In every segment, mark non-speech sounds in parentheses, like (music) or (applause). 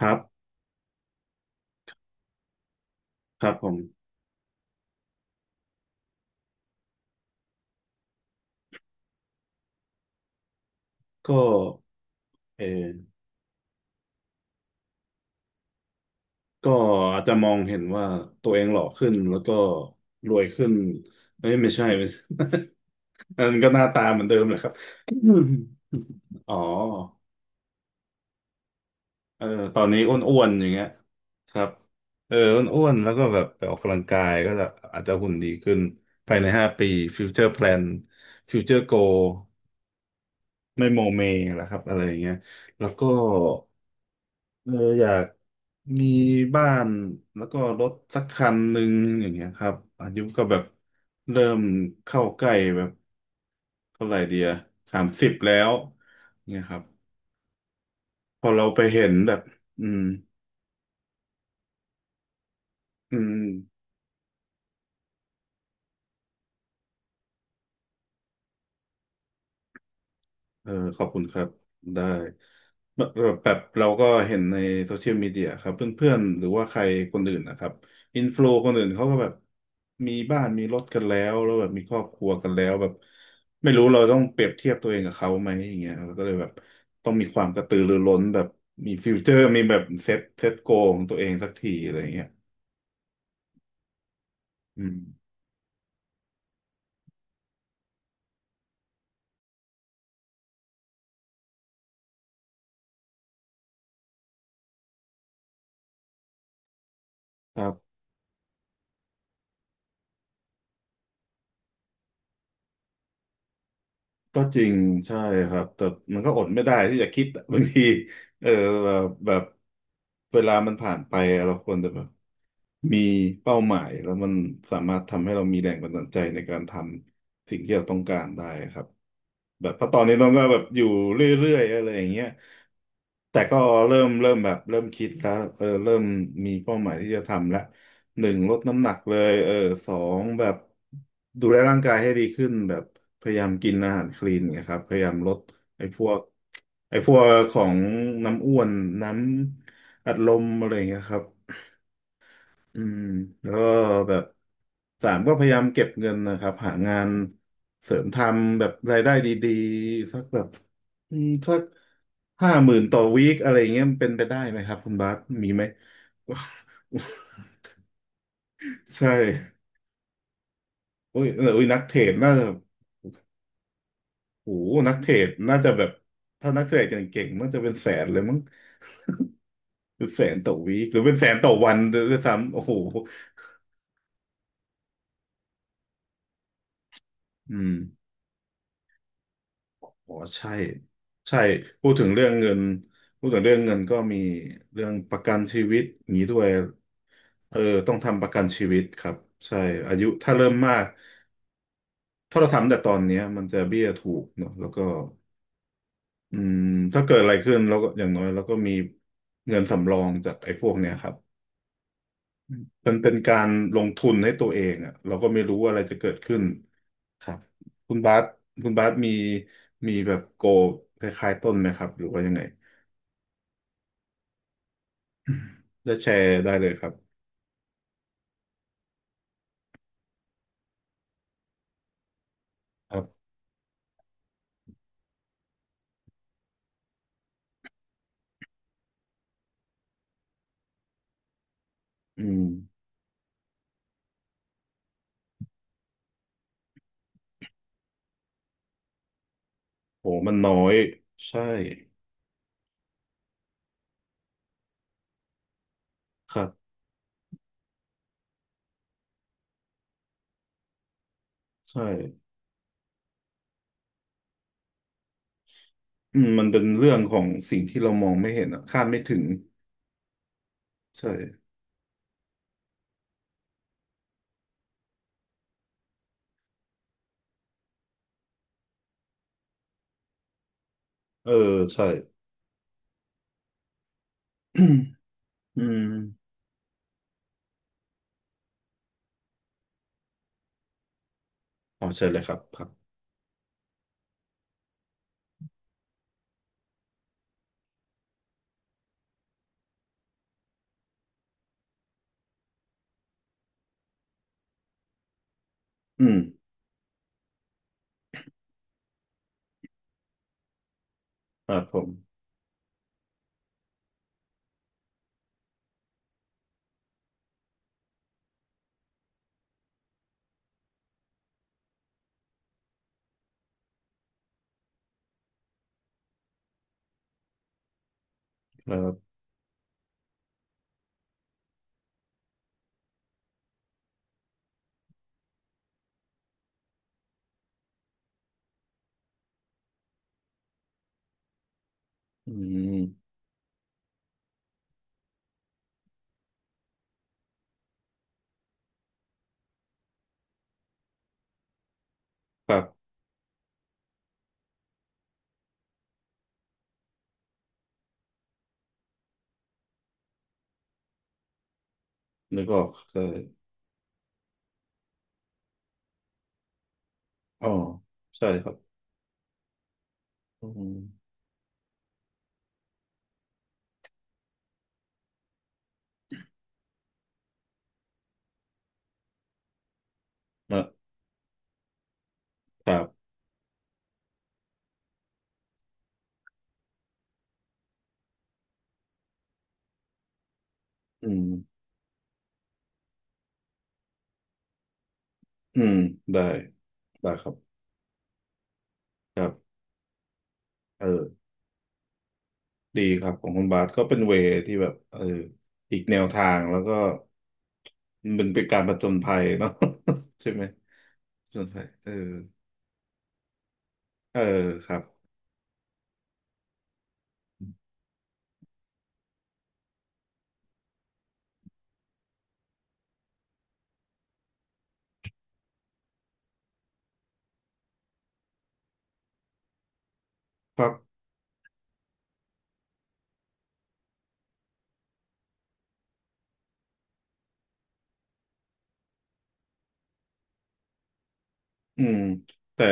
ครับครับผมก็เออก็อาจจะมองเห็นว่าตัวเองหล่อขึ้นแล้วก็รวยขึ้นเอ้ยไม่ใช่ (laughs) ไม่ใช่ (laughs) อันนั้นก็หน้าตาเหมือนเดิมแหละครับ (coughs) อ๋อเออตอนนี้อ้วนๆอย่างเงี้ยครับเอออ้วนๆแล้วก็แบบไปออกกำลังกายก็จะอาจจะหุ่นดีขึ้นภายใน5 ปีฟิวเจอร์แพลนฟิวเจอร์โกไม่โมเมแหละครับอะไรอย่างเงี้ยแล้วก็ เอออยากมีบ้านแล้วก็รถสักคันหนึ่งอย่างเงี้ยครับอายุก็แบบเริ่มเข้าใกล้แบบเท่าไหร่เดีย30แล้วเนี่ยครับพอเราไปเห็นแบบอืมอืม เออขอบคุณครับได้แบบแบบเราก็เห็นในโซเชียลมีเดียครับเพื่อนๆหรือว่าใครคนอื่นนะครับอินฟลูคนอื่นเขาก็แบบมีบ้านมีรถกันแล้วแล้วแบบมีครอบครัวกันแล้วแบบไม่รู้เราต้องเปรียบเทียบตัวเองกับเขาไหมอย่างเงี้ยเราก็เลยแบบต้องมีความกระตือรือร้นแบบมีฟิวเจอร์มีแบบเซ็ตโกของตัวเองสักทีอะไรอย่างเงี้ยอืมครับก็จริงใช่ครับแต่มันก็อดไม่ได้ที่จะคิดอะ (laughs) บางที เออแบบเวลามันผ่านไปเราควรจะแบบมีเป้าหมายแล้วมันสามารถทำให้เรามีแรงบันดาลใจในการทำสิ่งที่เราต้องการได้ครับแบบเพราะตอนนี้น้องก็แบบอยู่เรื่อยๆอะไรอย่างเงี้ยแต่ก็เริ่มแบบเริ่มคิดแล้วเออเริ่มมีเป้าหมายที่จะทำละหนึ่งลดน้ำหนักเลยเออสองแบบดูแลร่างกายให้ดีขึ้นแบบพยายามกินอาหารคลีนเนะครับพยายามลดไอ้พวก ไอ้พวกของน้ำอ้วนน้ำอัดลมอะไรอย่างเงี้ยครับอืมแล้วก็แบบสามก็พยายามเก็บเงินนะครับหางานเสริมทำแบบรายได้ดีๆสักแบบอืมสัก50,000ต่อวีคอะไรอย่างเงี้ยมันเป็นไปได้ไหมครับคุณบาสมีไหม (laughs) ใช่อุ้ยเอออุ้ยนักเทรดน่าจะโหนักเทรดน่าจะแบบถ้านักเทรดเก่งๆน่าจะเป็นแสนเลยมั้งเป็นแสนต่อวีคหรือเป็นแสนต่อวันด้วยซ้ำโอ้โห อืมอ๋อใช่ใช่พูดถึงเรื่องเงินพูดถึงเรื่องเงินก็มีเรื่องประกันชีวิตอย่างนี้ด้วยเออต้องทำประกันชีวิตครับใช่อายุถ้าเริ่มมากถ้าเราทำแต่ตอนเนี้ยมันจะเบี้ยถูกเนอะแล้วก็อืมถ้าเกิดอะไรขึ้นเราก็อย่างน้อยเราก็มีเงินสำรองจากไอ้พวกเนี้ยครับ มันเป็นการลงทุนให้ตัวเองอ่ะเราก็ไม่รู้ว่าอะไรจะเกิดขึ้นครับคุณบาสคุณบาสมีแบบโกลคล้ายๆต้นไหมครับหรือว่ายังไงจ้แชร์ได้เลยครับครับอืมโหมันน้อยใช่ครับใช่อืมมันเป็นเรื่องของสิ่งที่เรามองไม่เห็นอ่ะคาดไม่ถึงใช่เออใช่อืมอมอ๋อใช่เลยครับครับอืมครับผมครับอืมครับนึกออกใช่อ๋อใช่ครับ อืมนะครับอืมอืมได้ได้ครับครับเออดีครับของคุณบาสก็เป็นเวย์ที่แบบเอออีกแนวทางแล้วก็มันเป็นการผจญภัยเนาะ (laughs) ใช่ไหมผจญภัยเออเออครับ อืมแต่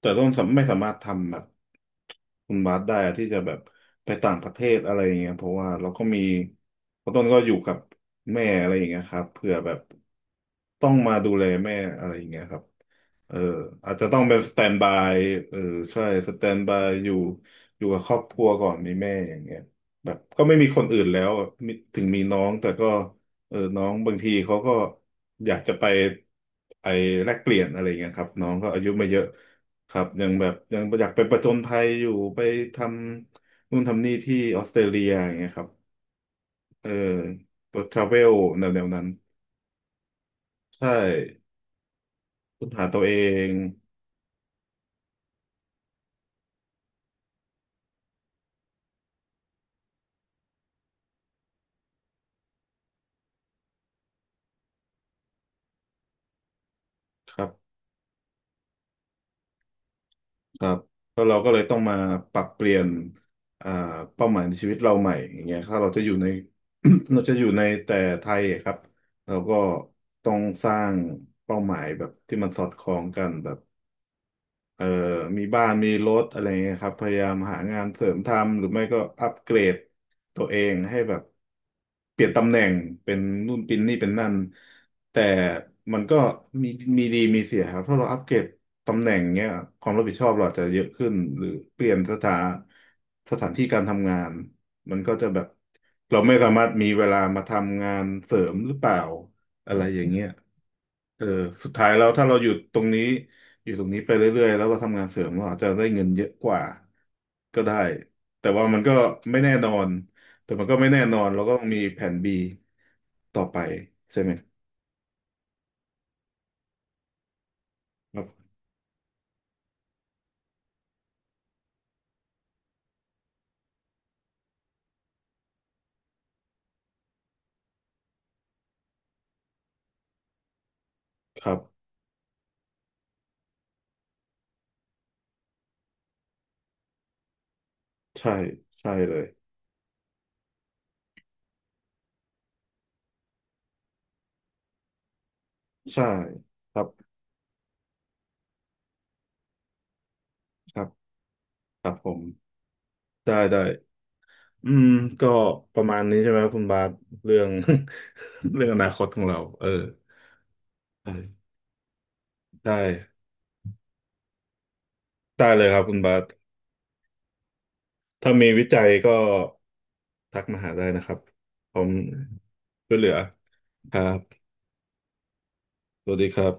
แต่ต้นสำไม่สามารถทำแบบคุณบาสได้อะที่จะแบบไปต่างประเทศอะไรอย่างเงี้ยเพราะว่าเราก็มีเพราะต้นก็อยู่กับแม่อะไรอย่างเงี้ยครับเผื่อแบบต้องมาดูแลแม่อะไรอย่างเงี้ยครับเอออาจจะต้องเป็นสแตนบายเออใช่สแตนบายอยู่อยู่กับครอบครัวก่อนมีแม่อย่างเงี้ยแบบก็ไม่มีคนอื่นแล้วมีถึงมีน้องแต่ก็ เออน้องบางทีเขาก็อยากจะไปแลกเปลี่ยนอะไรเงี้ยครับน้องก็อายุไม่เยอะครับยังแบบยังอยากไปประจนภัยอยู่ไปทำนู่นทำนี่ที่ออสเตรเลียอย่างเงี้ยครับเออทราเวลแนวๆนั้นใช่ค้นหาตัวเองครับ ครับแล้วเราก็เลยต้องมาปรับเปลี่ยนอ่าเป้าหมายในชีวิตเราใหม่อย่างเงี้ยถ้าเราจะอยู่ใน (clears throat) (coughs) เราจะอยู่ในแต่ไทยอะครับเราก็ต้องสร้างเป้าหมายแบบที่มันสอดคล้องกันแบบ เอ่อมีบ้านมีรถอะไรเงี้ยครับพยายามหางานเสริมทำหรือไม่ก็อัปเกรดตัวเองให้แบบเปลี่ยนตำแหน่งเป็นนู่นเป็นนี่เป็นนั่นแต่มันก็มีมีดีมีเสียครับถ้าเราอัปเกรดตำแหน่งเงี้ยความรับผิดชอบเราอาจจะเยอะขึ้นหรือเปลี่ยนสถานที่การทำงานมันก็จะแบบเราไม่สามารถมีเวลามาทำงานเสริมหรือเปล่า อะไรอย่างเงี้ยเออสุดท้ายแล้วถ้าเราหยุดตรงนี้อยู่ตรงนี้ไปเรื่อยๆแล้วเราทำงานเสริมเราอาจจะได้เงินเยอะกว่าก็ได้แต่ว่ามันก็ไม่แน่นอนแต่มันก็ไม่แน่นอนเราก็ต้องมีแผนบีต่อไปใช่ไหมครับครับใช่ ใช่เลยใช่ครับครับครับผมได้ได้อืมก็ประมาณนี้ใช่ไหมครับคุณบาสเรื่อง (laughs) เรื่องอนาคตของเราเออได้ได้ได้เลยครับคุณบาส ถ้ามีวิจัยก็ทักมาหาได้นะครับผมช่วยเหลือครับสวัสดีครับ